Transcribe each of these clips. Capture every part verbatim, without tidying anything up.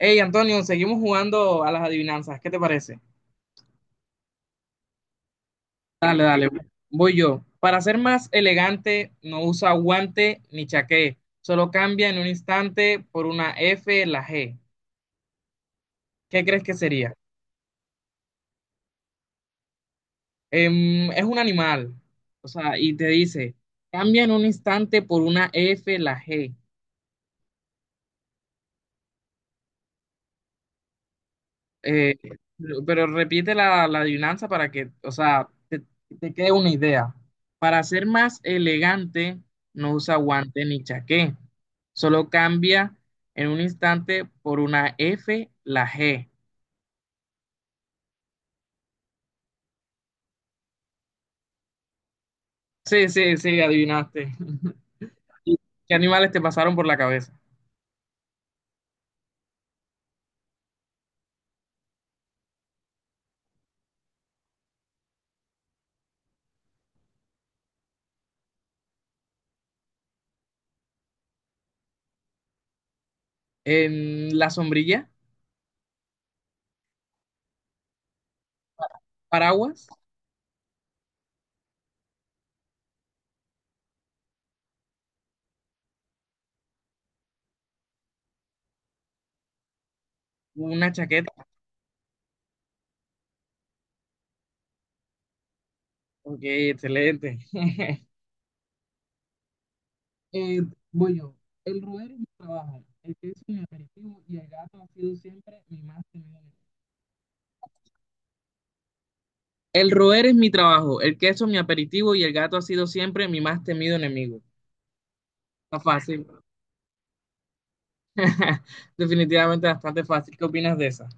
Hey, Antonio, seguimos jugando a las adivinanzas. ¿Qué te parece? Dale, dale, voy yo. Para ser más elegante, no usa guante ni chaqué. Solo cambia en un instante por una F la G. ¿Qué crees que sería? Em, es un animal. O sea, y te dice, cambia en un instante por una F la G. Eh, pero, pero repite la, la adivinanza para que, o sea, te, te quede una idea. Para ser más elegante, no usa guante ni chaqué. Solo cambia en un instante por una F la G. Sí, sí, sí, adivinaste. ¿Y ¿Qué animales te pasaron por la cabeza? En la sombrilla, paraguas, una chaqueta. Ok, excelente. Eh, voy yo. El roer es mi trabajo, el queso mi aperitivo y el gato ha sido siempre mi más temido enemigo. El roer es mi trabajo, el queso mi aperitivo y el gato ha sido siempre mi más temido enemigo. Está fácil. Definitivamente bastante fácil. ¿Qué opinas de esa?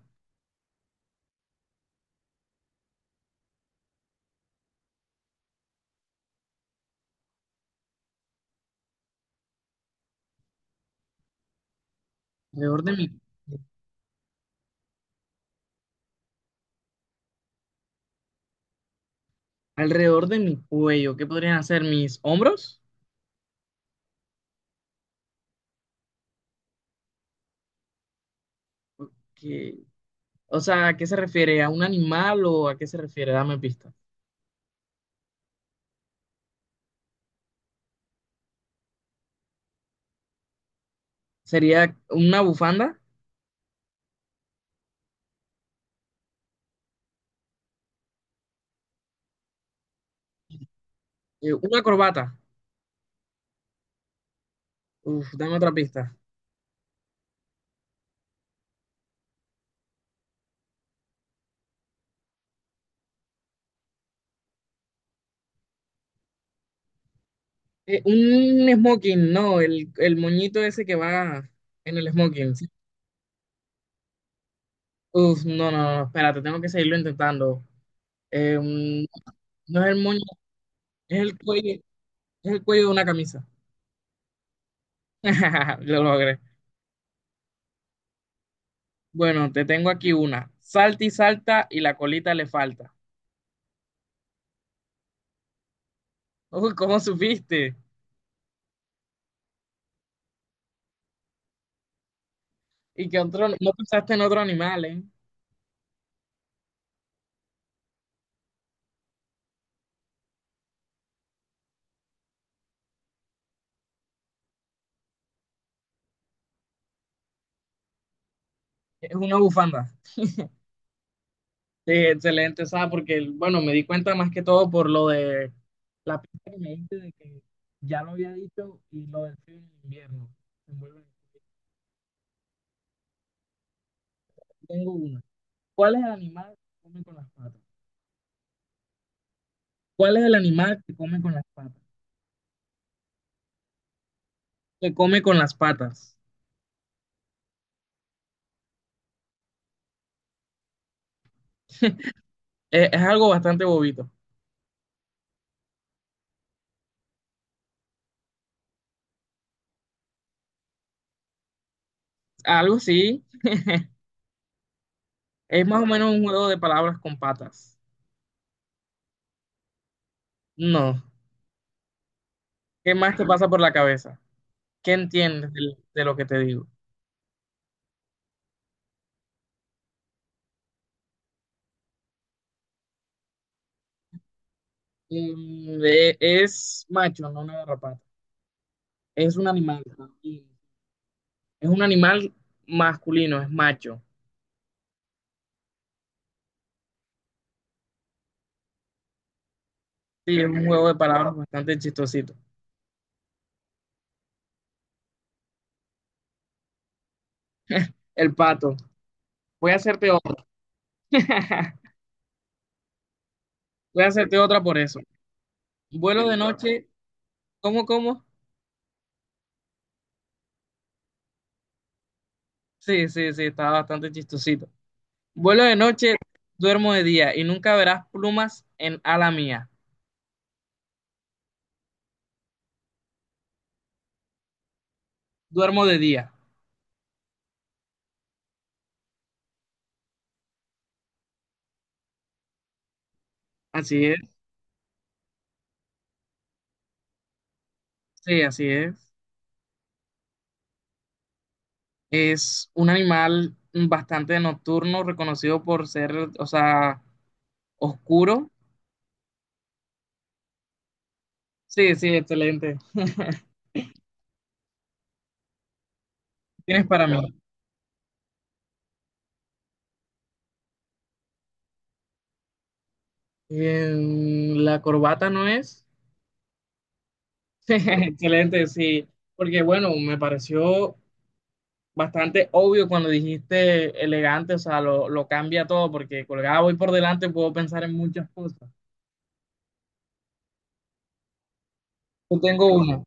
Alrededor de mi, alrededor de mi cuello, ¿qué podrían hacer mis hombros? ¿Qué- o sea, ¿a qué se refiere? ¿A un animal o a qué se refiere? Dame pista. ¿Sería una bufanda? Eh, ¿una corbata? Uf, dame otra pista. Eh, un smoking, no, el, el moñito ese que va en el smoking. Sí. Uf, no, no, no, espérate, tengo que seguirlo intentando. Eh, mm, no es el moño, es el cuello, es el cuello de una camisa. Lo logré. Bueno, te tengo aquí una. Salta y salta y la colita le falta. Uy, ¿cómo supiste? Y que otro, no pensaste en otro animal, ¿eh? Es una bufanda. Sí, excelente, ¿sabes? Porque, bueno, me di cuenta más que todo por lo de la pista que me diste de que ya lo había dicho y lo del frío en el invierno. Me vuelve- Tengo una. ¿Cuál es el animal que come con las patas? ¿Cuál es el animal que come con las patas? Que come con las patas. Eh, Es, algo bastante bobito. Algo sí, es más o menos un juego de palabras con patas. No. ¿Qué más te pasa por la cabeza? ¿Qué entiendes de, de lo que te digo? Mm, eh, es macho, no una garrapata. Es un animal. Es un animal masculino, es macho. Sí, es un juego de palabras bastante chistosito. El pato. Voy a hacerte otra. Voy a hacerte otra por eso. Vuelo de noche. ¿Cómo, cómo? Sí, sí, sí, está bastante chistosito. Vuelo de noche, duermo de día y nunca verás plumas en ala mía. Duermo de día. Así es. Sí, así es. Es un animal bastante nocturno, reconocido por ser, o sea, oscuro. Sí, sí, excelente. Tienes para mí. Em, la corbata no es. Excelente, sí. Porque bueno, me pareció bastante obvio cuando dijiste elegante, o sea, lo, lo cambia todo, porque colgado voy por delante puedo pensar en muchas cosas. Yo tengo una.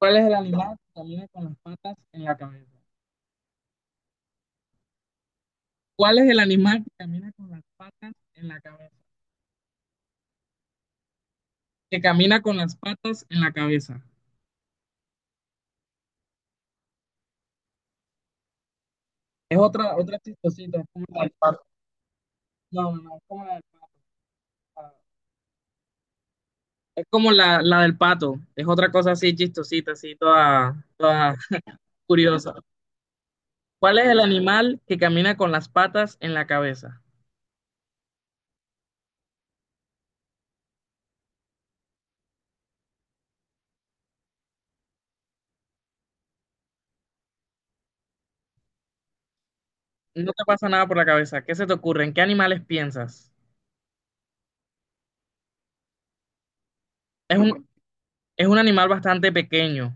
¿Cuál es el animal que camina con las patas en la cabeza? ¿Cuál es el animal que camina con las patas en la cabeza? Que camina con las patas en la cabeza. Es otra, otra chistosita, es como la del pato. No, no, no, es como la del pato. Es como la, la del pato, es otra cosa así chistosita, así toda, toda curiosa. ¿Cuál es el animal que camina con las patas en la cabeza? No te pasa nada por la cabeza. ¿Qué se te ocurre? ¿En qué animales piensas? Es un, es un animal bastante pequeño.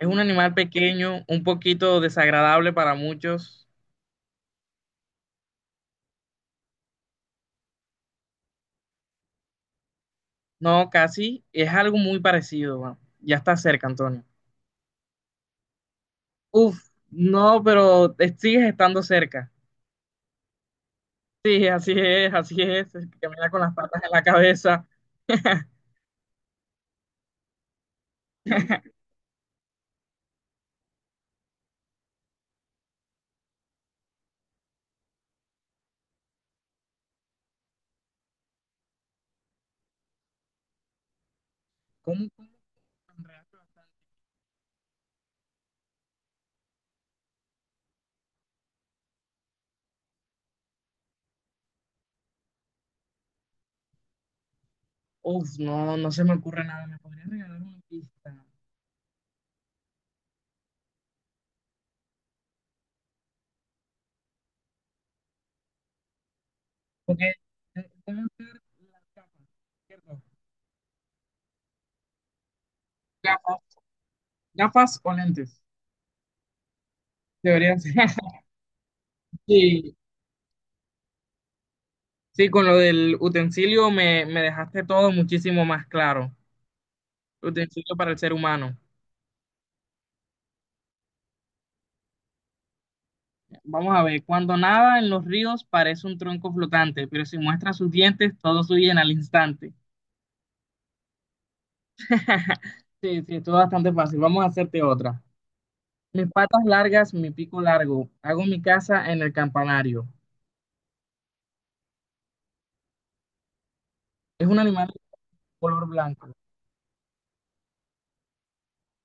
Es un animal pequeño, un poquito desagradable para muchos. No, casi. Es algo muy parecido. Bueno, ya está cerca, Antonio. Uf, no, pero te sigues estando cerca. Sí, así es, así es, el que camina con las patas en la cabeza. ¿Cómo, cómo? ¿Andrea? Uf, no, no se me ocurre nada. ¿Me podrías regalar una pista? Porque de- deben ser las gafas, ¿cierto? Gafas, gafas o lentes. Deberían ser. Sí, sí, con lo del utensilio me, me dejaste todo muchísimo más claro. Utensilio para el ser humano. Vamos a ver, cuando nada en los ríos parece un tronco flotante, pero si muestra sus dientes, todos huyen al instante. Sí, sí, esto es bastante fácil. Vamos a hacerte otra. Mis patas largas, mi pico largo. Hago mi casa en el campanario. Es un animal de color blanco.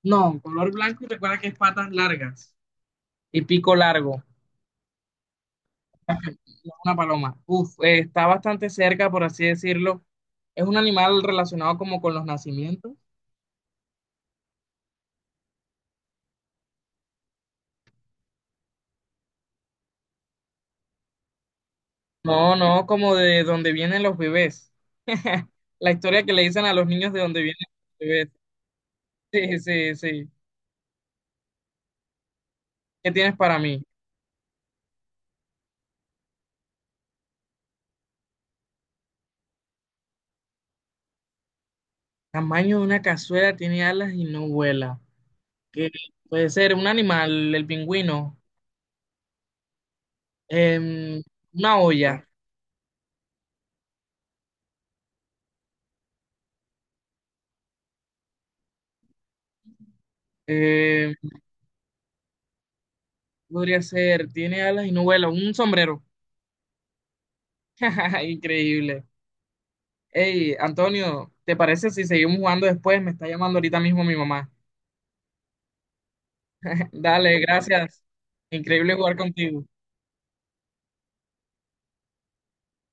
No, color blanco y recuerda que es patas largas y pico largo. No, es una paloma. Uf, eh, está bastante cerca, por así decirlo. Es un animal relacionado como con los nacimientos. No, no, como de donde vienen los bebés. La historia que le dicen a los niños de donde vienen los bebés. Sí, sí, sí. ¿Qué tienes para mí? Tamaño de una cazuela, tiene alas y no vuela. ¿Qué puede ser? Un animal, el pingüino. Em, una olla. Em, podría ser, tiene alas y no vuela. Un sombrero. Increíble. Hey, Antonio, ¿te parece si seguimos jugando después? Me está llamando ahorita mismo mi mamá. Dale, gracias. Increíble jugar contigo.